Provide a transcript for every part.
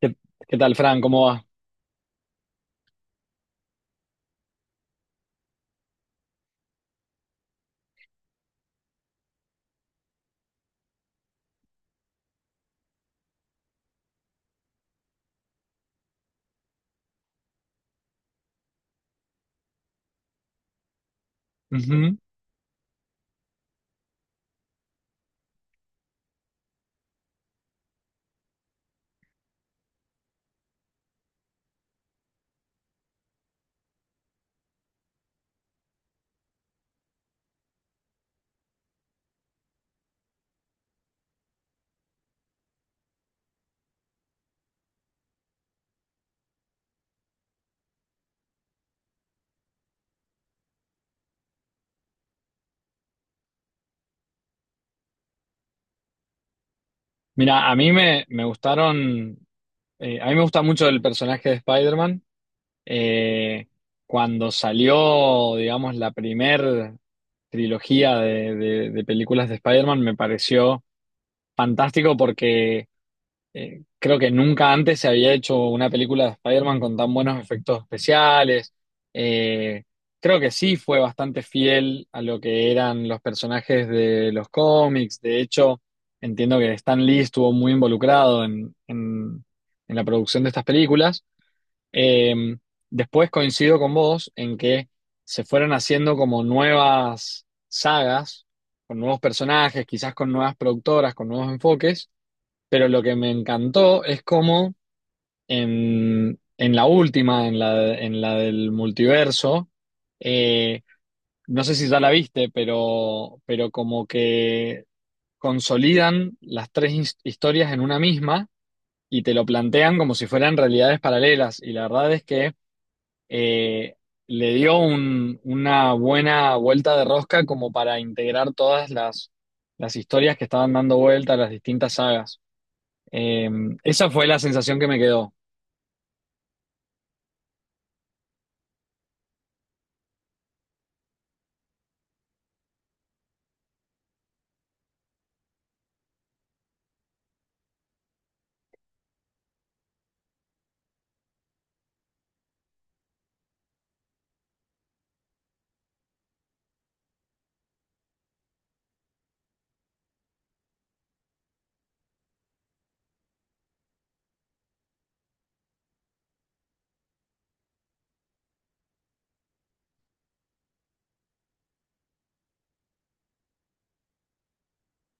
¿Qué, qué tal, Fran? ¿Cómo va? Ujú. Mira, a mí me gustaron, a mí me gusta mucho el personaje de Spider-Man. Eh, Cuando salió, digamos, la primer trilogía de películas de Spider-Man, me pareció fantástico porque creo que nunca antes se había hecho una película de Spider-Man con tan buenos efectos especiales. Eh, Creo que sí fue bastante fiel a lo que eran los personajes de los cómics. De hecho, entiendo que Stan Lee estuvo muy involucrado en la producción de estas películas. Eh, Después coincido con vos en que se fueron haciendo como nuevas sagas, con nuevos personajes, quizás con nuevas productoras, con nuevos enfoques, pero lo que me encantó es cómo en la última, en la del multiverso, eh, no sé si ya la viste, pero como que consolidan las tres historias en una misma y te lo plantean como si fueran realidades paralelas. Y la verdad es que eh, le dio una buena vuelta de rosca como para integrar todas las historias que estaban dando vuelta a las distintas sagas. Eh, Esa fue la sensación que me quedó.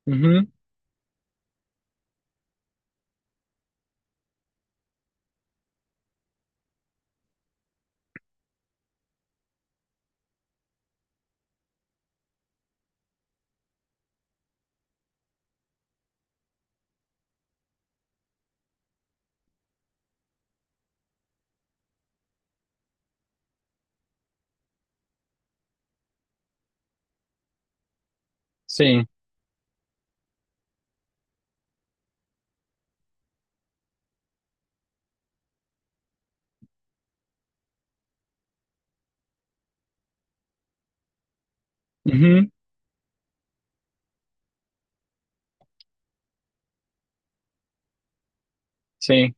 Ujú, sí, ujú, sí.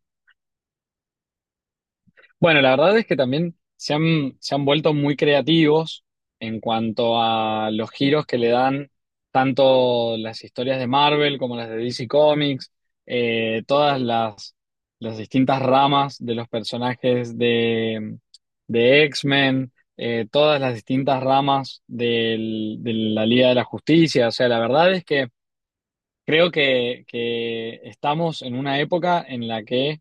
Bueno, la verdad es que también se han vuelto muy creativos en cuanto a los giros que le dan tanto las historias de Marvel como las de DC Comics, todas las distintas ramas de los personajes de X-Men, todas las distintas ramas de la Liga de la Justicia. O sea, la verdad es que creo que estamos en una época en la que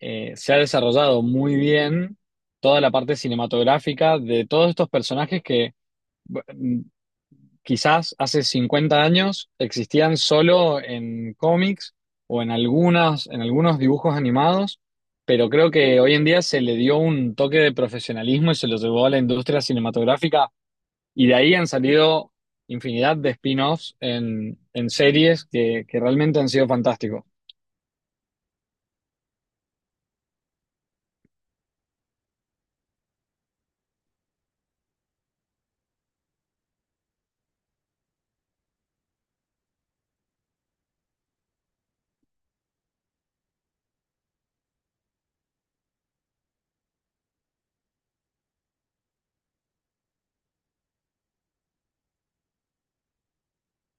se ha desarrollado muy bien toda la parte cinematográfica de todos estos personajes que bu- quizás hace 50 años existían solo en cómics o en algunas, en algunos dibujos animados, pero creo que hoy en día se le dio un toque de profesionalismo y se lo llevó a la industria cinematográfica y de ahí han salido infinidad de spin-offs en series que realmente han sido fantásticos.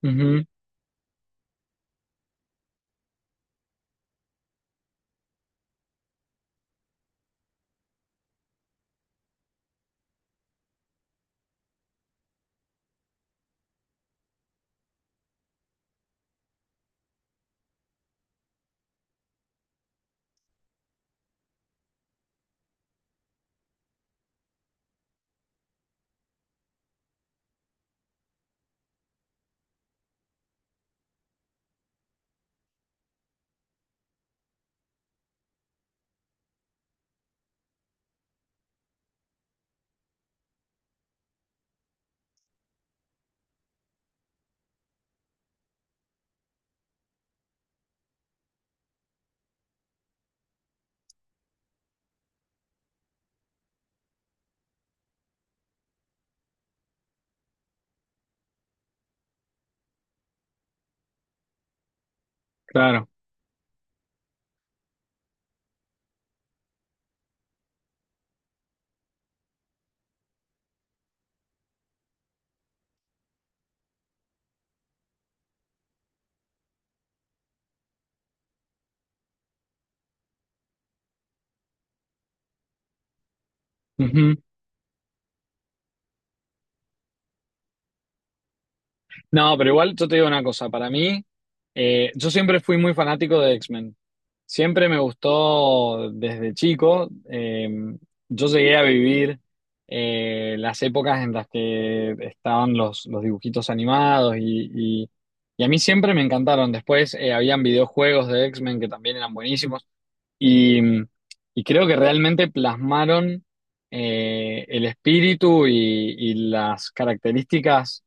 Ujú, claro. Ujú. No, pero igual yo te digo una cosa, para mí, yo siempre fui muy fanático de X-Men. Siempre me gustó desde chico. Yo llegué a vivir las épocas en las que estaban los dibujitos animados y a mí siempre me encantaron. Después habían videojuegos de X-Men que también eran buenísimos. Y, y creo que realmente plasmaron el espíritu y las características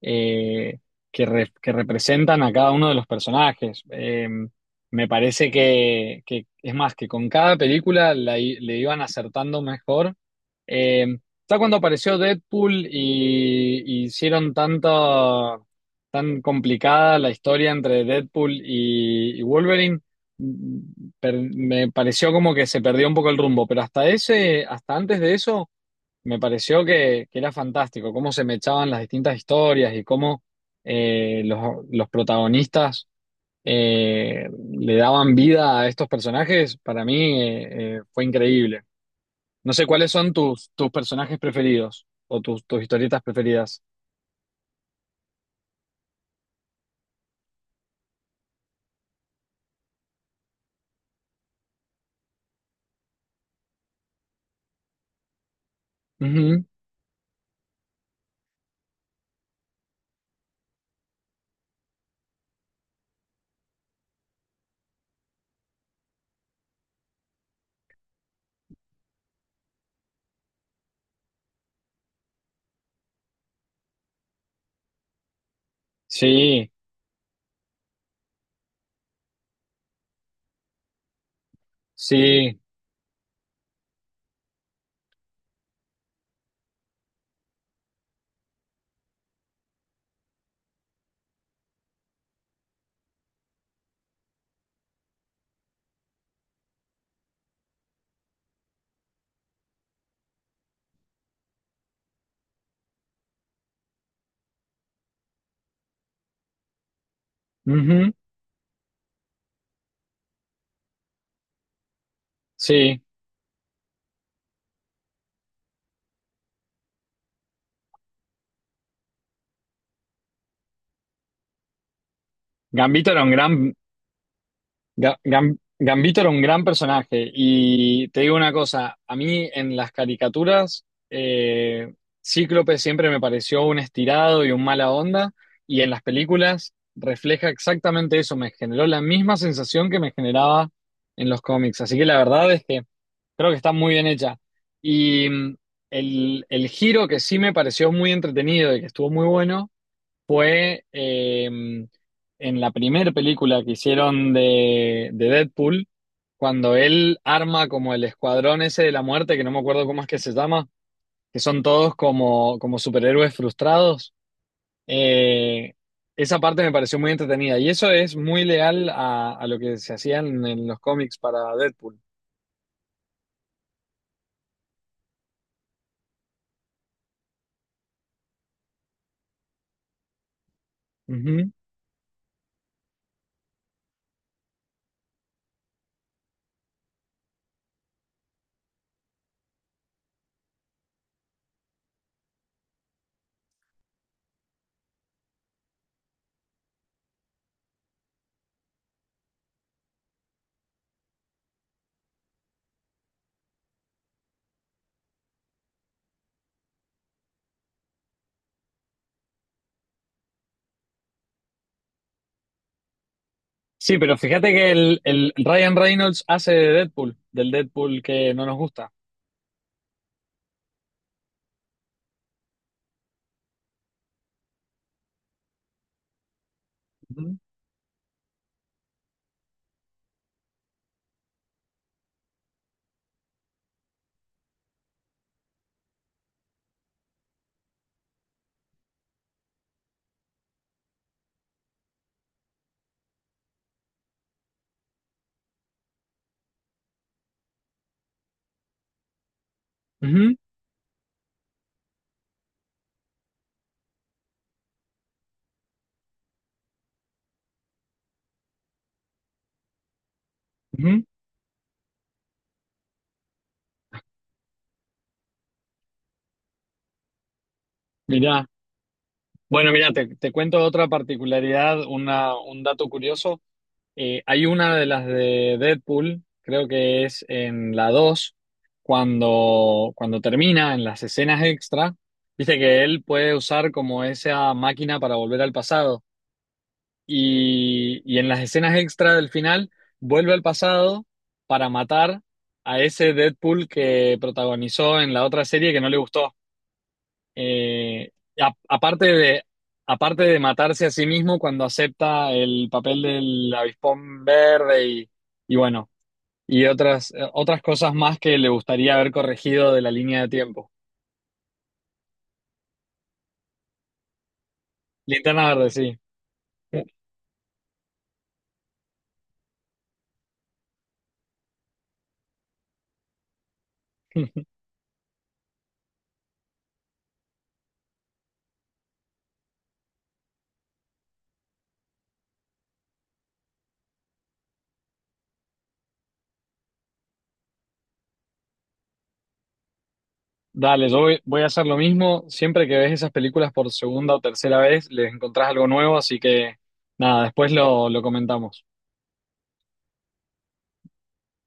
eh, que, que representan a cada uno de los personajes. Me parece que, es más, que con cada película le iban acertando mejor. Eh, ya cuando apareció Deadpool y hicieron tanta, tan complicada la historia entre Deadpool y Wolverine me pareció como que se perdió un poco el rumbo, pero hasta ese, hasta antes de eso, me pareció que era fantástico, cómo se me echaban las distintas historias y cómo los protagonistas eh, le daban vida a estos personajes, para mí fue increíble. No sé cuáles son tus, tus personajes preferidos o tus, tus historietas preferidas. Ujú. Sí, sí, ujú, sí. Gambito era un gran, Gambito era un gran personaje y te digo una cosa, a mí en las caricaturas Cíclope siempre me pareció un estirado y un mala onda y en las películas refleja exactamente eso, me generó la misma sensación que me generaba en los cómics, así que la verdad es que creo que está muy bien hecha y el giro que sí me pareció muy entretenido y que estuvo muy bueno eh, en la primera película que hicieron de Deadpool, cuando él arma como el escuadrón ese de la muerte, que no me acuerdo cómo es que se llama, que son todos como, como superhéroes frustrados. eh, Esa parte me pareció muy entretenida y eso es muy leal a lo que se hacían en los cómics para Deadpool. Ujú. Sí, pero fíjate que el Ryan Reynolds hace de Deadpool, del Deadpool que no nos gusta. Ujú. Ujú, ujú. Mirá. Bueno, mira, te cuento otra particularidad, una, un dato curioso. Hay una de las de Deadpool, creo que es en la 2, cuando, cuando termina en las escenas extra, dice que él puede usar como esa máquina para volver al pasado. Y en las escenas extra del final, vuelve al pasado para matar a ese Deadpool que protagonizó en la otra serie que no le gustó. Eh, a aparte de matarse a sí mismo cuando acepta el papel del avispón verde y bueno, y otras, otras cosas más que le gustaría haber corregido de la línea de tiempo. Linterna verde, sí. Dale, yo voy, voy a hacer lo mismo. Siempre que ves esas películas por segunda o tercera vez, les encontrás algo nuevo, así que nada, después lo comentamos.